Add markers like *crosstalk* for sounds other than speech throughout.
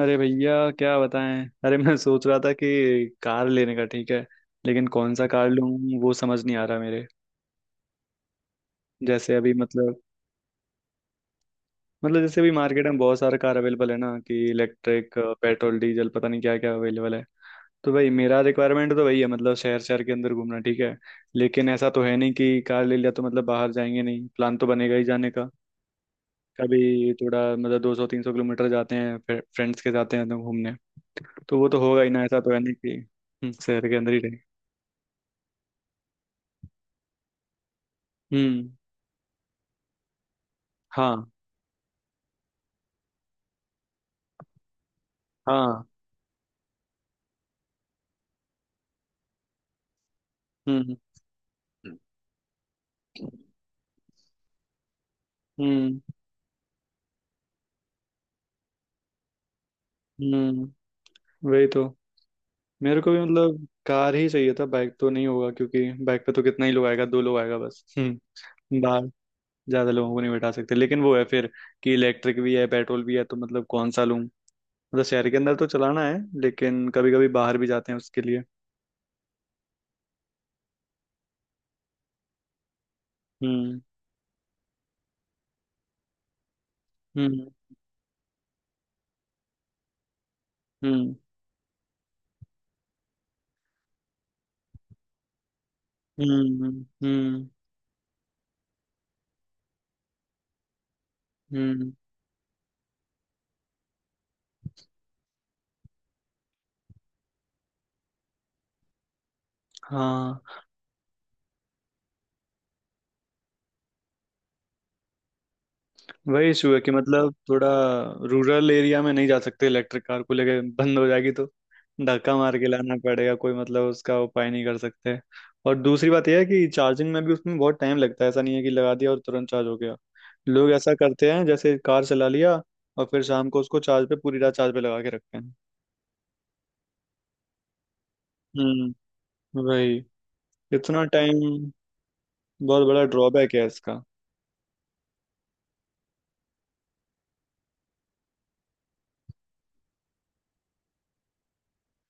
अरे भैया, क्या बताएं। अरे मैं सोच रहा था कि कार लेने का ठीक है, लेकिन कौन सा कार लूं वो समझ नहीं आ रहा मेरे। जैसे अभी मतलब जैसे अभी मार्केट में बहुत सारा कार अवेलेबल है ना, कि इलेक्ट्रिक पेट्रोल डीजल पता नहीं क्या क्या अवेलेबल है। तो भाई मेरा रिक्वायरमेंट तो वही है, मतलब शहर शहर के अंदर घूमना ठीक है। लेकिन ऐसा तो है नहीं कि कार ले लिया तो मतलब बाहर जाएंगे नहीं, प्लान तो बनेगा ही जाने का। कभी थोड़ा मतलब 200-300 किलोमीटर जाते हैं, फिर फ्रेंड्स के जाते हैं तो घूमने। तो वो तो होगा ही ना, ऐसा तो है नहीं कि। शहर के अंदर ही। हम्म। हाँ। हाँ। हम्म। हम्म, हम्म। हम्म। वही तो, मेरे को भी मतलब कार ही चाहिए था, बाइक तो नहीं होगा क्योंकि बाइक पे तो कितना ही लोग आएगा, दो लोग आएगा बस। हम्म। बाहर ज्यादा लोगों को नहीं बैठा सकते, लेकिन वो है फिर कि इलेक्ट्रिक भी है पेट्रोल भी है, तो मतलब कौन सा लूं। मतलब शहर के अंदर तो चलाना है, लेकिन कभी कभी बाहर भी जाते हैं, उसके लिए। हम्म। हम्म। हम्म। हम्म। हम्म। हम्म। हाँ। वही इशू है कि मतलब थोड़ा रूरल एरिया में नहीं जा सकते, इलेक्ट्रिक कार को लेके, बंद हो जाएगी तो धक्का मार के लाना पड़ेगा। कोई मतलब उसका उपाय नहीं कर सकते। और दूसरी बात यह है कि चार्जिंग में भी उसमें बहुत टाइम लगता है, ऐसा नहीं है कि लगा दिया और तुरंत चार्ज हो गया। लोग ऐसा करते हैं, जैसे कार चला लिया और फिर शाम को उसको चार्ज पे, पूरी रात चार्ज पे लगा के रखते हैं। हम्म। वही। इतना टाइम। बहुत बड़ा ड्रॉबैक है इसका।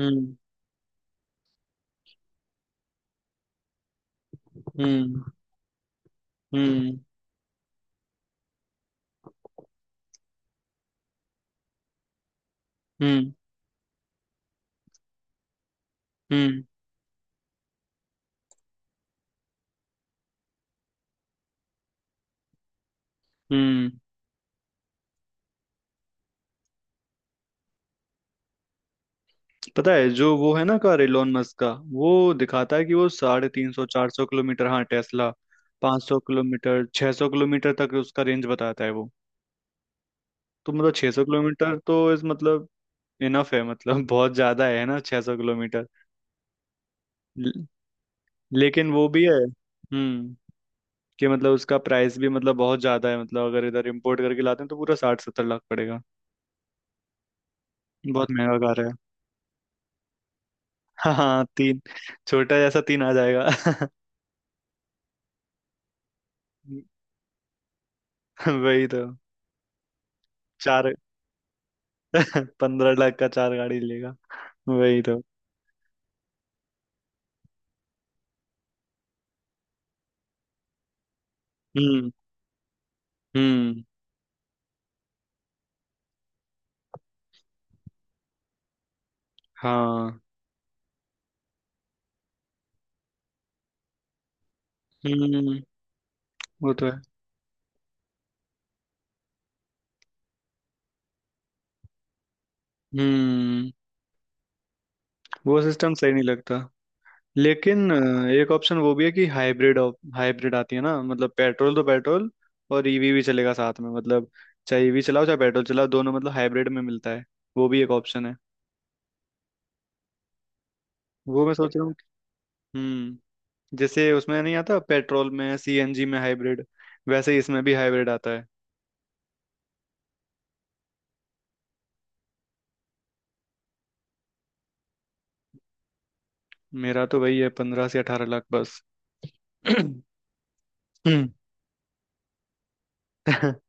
हम्म। हम्म। हम्म। हम्म। हम्म। हम्म। पता है जो वो है ना, कार एलोन मस्क का, वो दिखाता है कि वो 350-400 किलोमीटर। हाँ, टेस्ला। 500 किलोमीटर 600 किलोमीटर तक उसका रेंज बताता है वो। तो मतलब 600 किलोमीटर तो इस मतलब, इनफ है मतलब। *laughs* बहुत ज्यादा है ना 600 किलोमीटर। ल- लेकिन वो भी है कि मतलब उसका प्राइस भी मतलब बहुत ज्यादा है। मतलब अगर इधर इम्पोर्ट करके लाते हैं तो पूरा 60-70 लाख पड़ेगा। बहुत महंगा कार है। *laughs* हाँ हाँ। तीन। छोटा जैसा तीन आ जाएगा। *laughs* वही तो। चार। *laughs* 15 लाख का चार गाड़ी लेगा। वही तो। हम्म। हम्म। हाँ। हम्म। वो तो है। हम्म। वो सिस्टम सही नहीं लगता, लेकिन एक ऑप्शन वो भी है कि हाइब्रिड। हाइब्रिड आती है ना, मतलब पेट्रोल तो पेट्रोल, और ईवी भी चलेगा साथ में, मतलब चाहे ईवी चलाओ चाहे पेट्रोल चलाओ, दोनों मतलब हाइब्रिड में मिलता है। वो भी एक ऑप्शन है। वो मैं सोच रहा हूँ। हम्म। जैसे उसमें नहीं आता पेट्रोल में, सीएनजी में हाइब्रिड, वैसे ही इसमें भी हाइब्रिड आता है। मेरा तो वही है 15 से 18 लाख बस। *clears throat* हम्म। *laughs*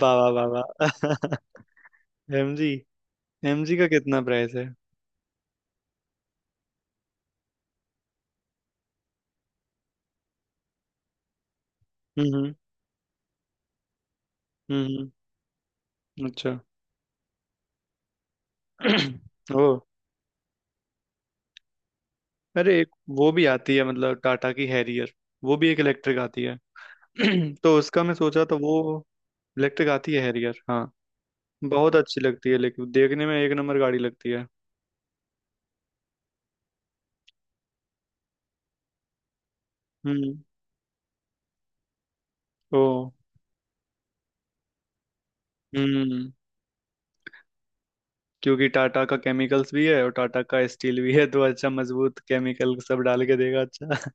बाबा बाबा। *laughs* एमजी। एमजी का कितना प्राइस है? हम्म। हम्म। अच्छा। *clears throat* ओ। अरे एक, वो भी आती है, मतलब टाटा की हैरियर, वो भी एक इलेक्ट्रिक आती है। *clears throat* तो उसका मैं सोचा तो वो इलेक्ट्रिक आती है हैरियर। हाँ, बहुत अच्छी लगती है, लेकिन देखने में एक नंबर गाड़ी लगती है। हम्म। ओ। हम्म। क्योंकि टाटा का केमिकल्स भी है और टाटा का स्टील भी है, तो अच्छा मजबूत केमिकल सब डाल के देगा, अच्छा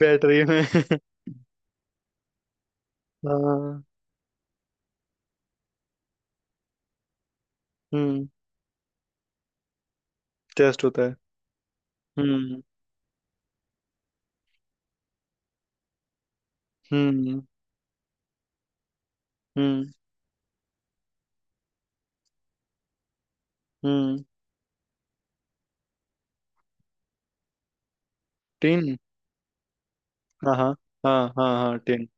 बैटरी में। *laughs* हाँ। हम्म। टेस्ट होता है। हम्म। हम्म। हम्म। हम्म। टिन। हाँ हाँ। हाँ हाँ हाँ, टिन।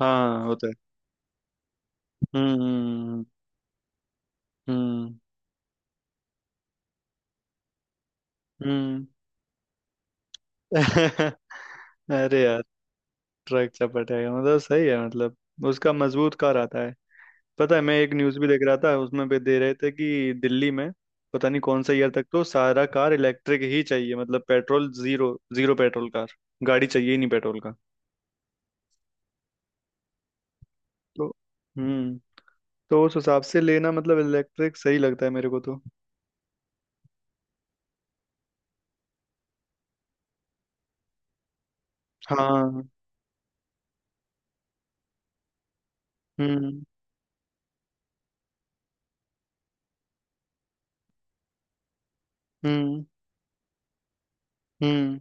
हाँ होता है। हम्म। हम्म। हम्म। *laughs* अरे यार। ट्रक चपट है मतलब सही है, मतलब उसका मजबूत कार आता है। पता है मैं एक न्यूज़ भी देख रहा था, उसमें भी दे रहे थे कि दिल्ली में पता नहीं कौन सा ईयर तक तो सारा कार इलेक्ट्रिक ही चाहिए, मतलब petrol zero. Zero petrol car, गाड़ी चाहिए ही नहीं पेट्रोल। तो। हम्म। तो उस हिसाब से लेना मतलब इलेक्ट्रिक सही लगता है मेरे को तो। हाँ। हम्म। हम्म। हम्म।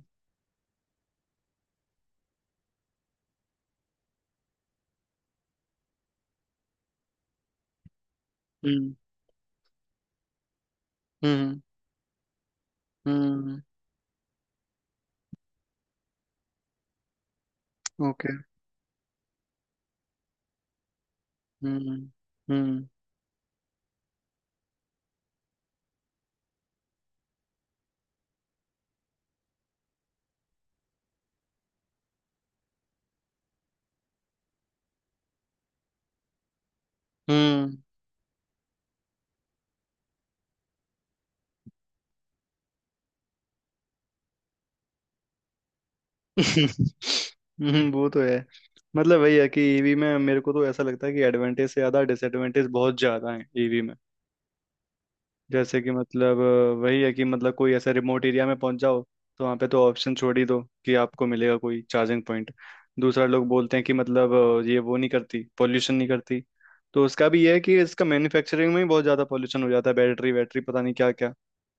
हम्म। हम्म। हम्म। ओके। हम्म। हम्म। हम्म। *laughs* वो तो है। मतलब वही है कि ईवी में मेरे को तो ऐसा लगता है कि एडवांटेज से ज्यादा डिसएडवांटेज बहुत ज्यादा है ईवी में। जैसे कि मतलब वही है कि मतलब कोई ऐसा रिमोट एरिया में पहुंच जाओ, तो वहाँ पे तो ऑप्शन छोड़ ही दो कि आपको मिलेगा कोई चार्जिंग पॉइंट। दूसरा, लोग बोलते हैं कि मतलब ये वो नहीं करती, पोल्यूशन नहीं करती। तो उसका भी ये है कि इसका मैन्युफैक्चरिंग में ही बहुत ज़्यादा पोल्यूशन हो जाता है, बैटरी वैटरी पता नहीं क्या क्या।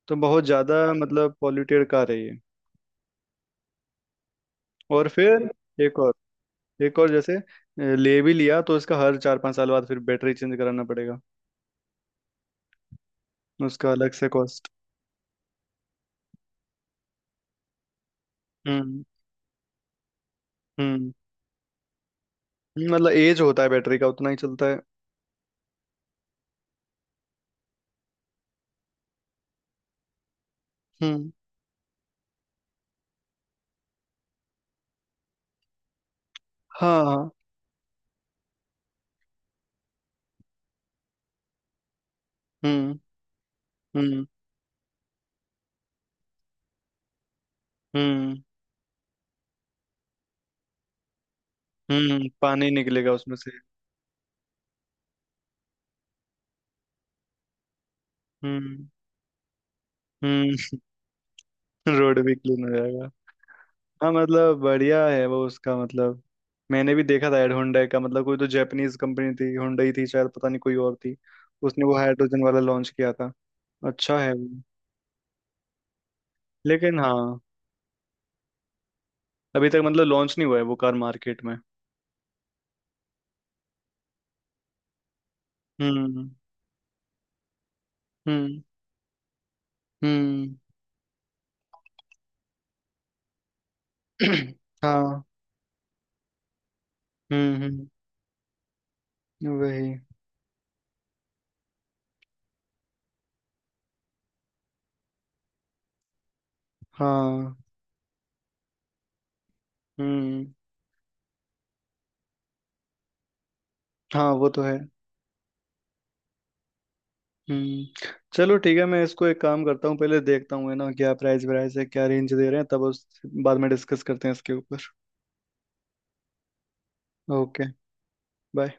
तो बहुत ज़्यादा मतलब पॉल्यूटेड कार है ये। और फिर एक और एक और जैसे ले भी लिया तो इसका हर 4-5 साल बाद फिर बैटरी चेंज कराना पड़ेगा, उसका अलग से कॉस्ट। हम्म। हम्म। मतलब एज होता है बैटरी का, उतना ही चलता है। हम्म। हाँ हाँ। हम्म। हम्म। हम्म। हम्म। पानी निकलेगा उसमें से। हम्म। हम्म। *laughs* रोड भी क्लीन हो जाएगा। हाँ, मतलब बढ़िया है वो, उसका मतलब। मैंने भी देखा था एड होंडा का, मतलब कोई तो जापानीज कंपनी थी, होंडा ही थी शायद, पता नहीं कोई और थी। उसने वो हाइड्रोजन वाला लॉन्च किया था। अच्छा है वो। लेकिन हाँ, अभी तक मतलब लॉन्च नहीं हुआ है वो कार मार्केट में। हम्म। हम्म। हम्म। *clears throat* हाँ। हम्म। हम्म। वही। हाँ। हम्म। हाँ वो तो है। हम्म। चलो ठीक है, मैं इसको एक काम करता हूँ, पहले देखता हूँ है ना, क्या प्राइस वराइस है, क्या रेंज दे रहे हैं, तब उस बाद में डिस्कस करते हैं इसके ऊपर। ओके। बाय।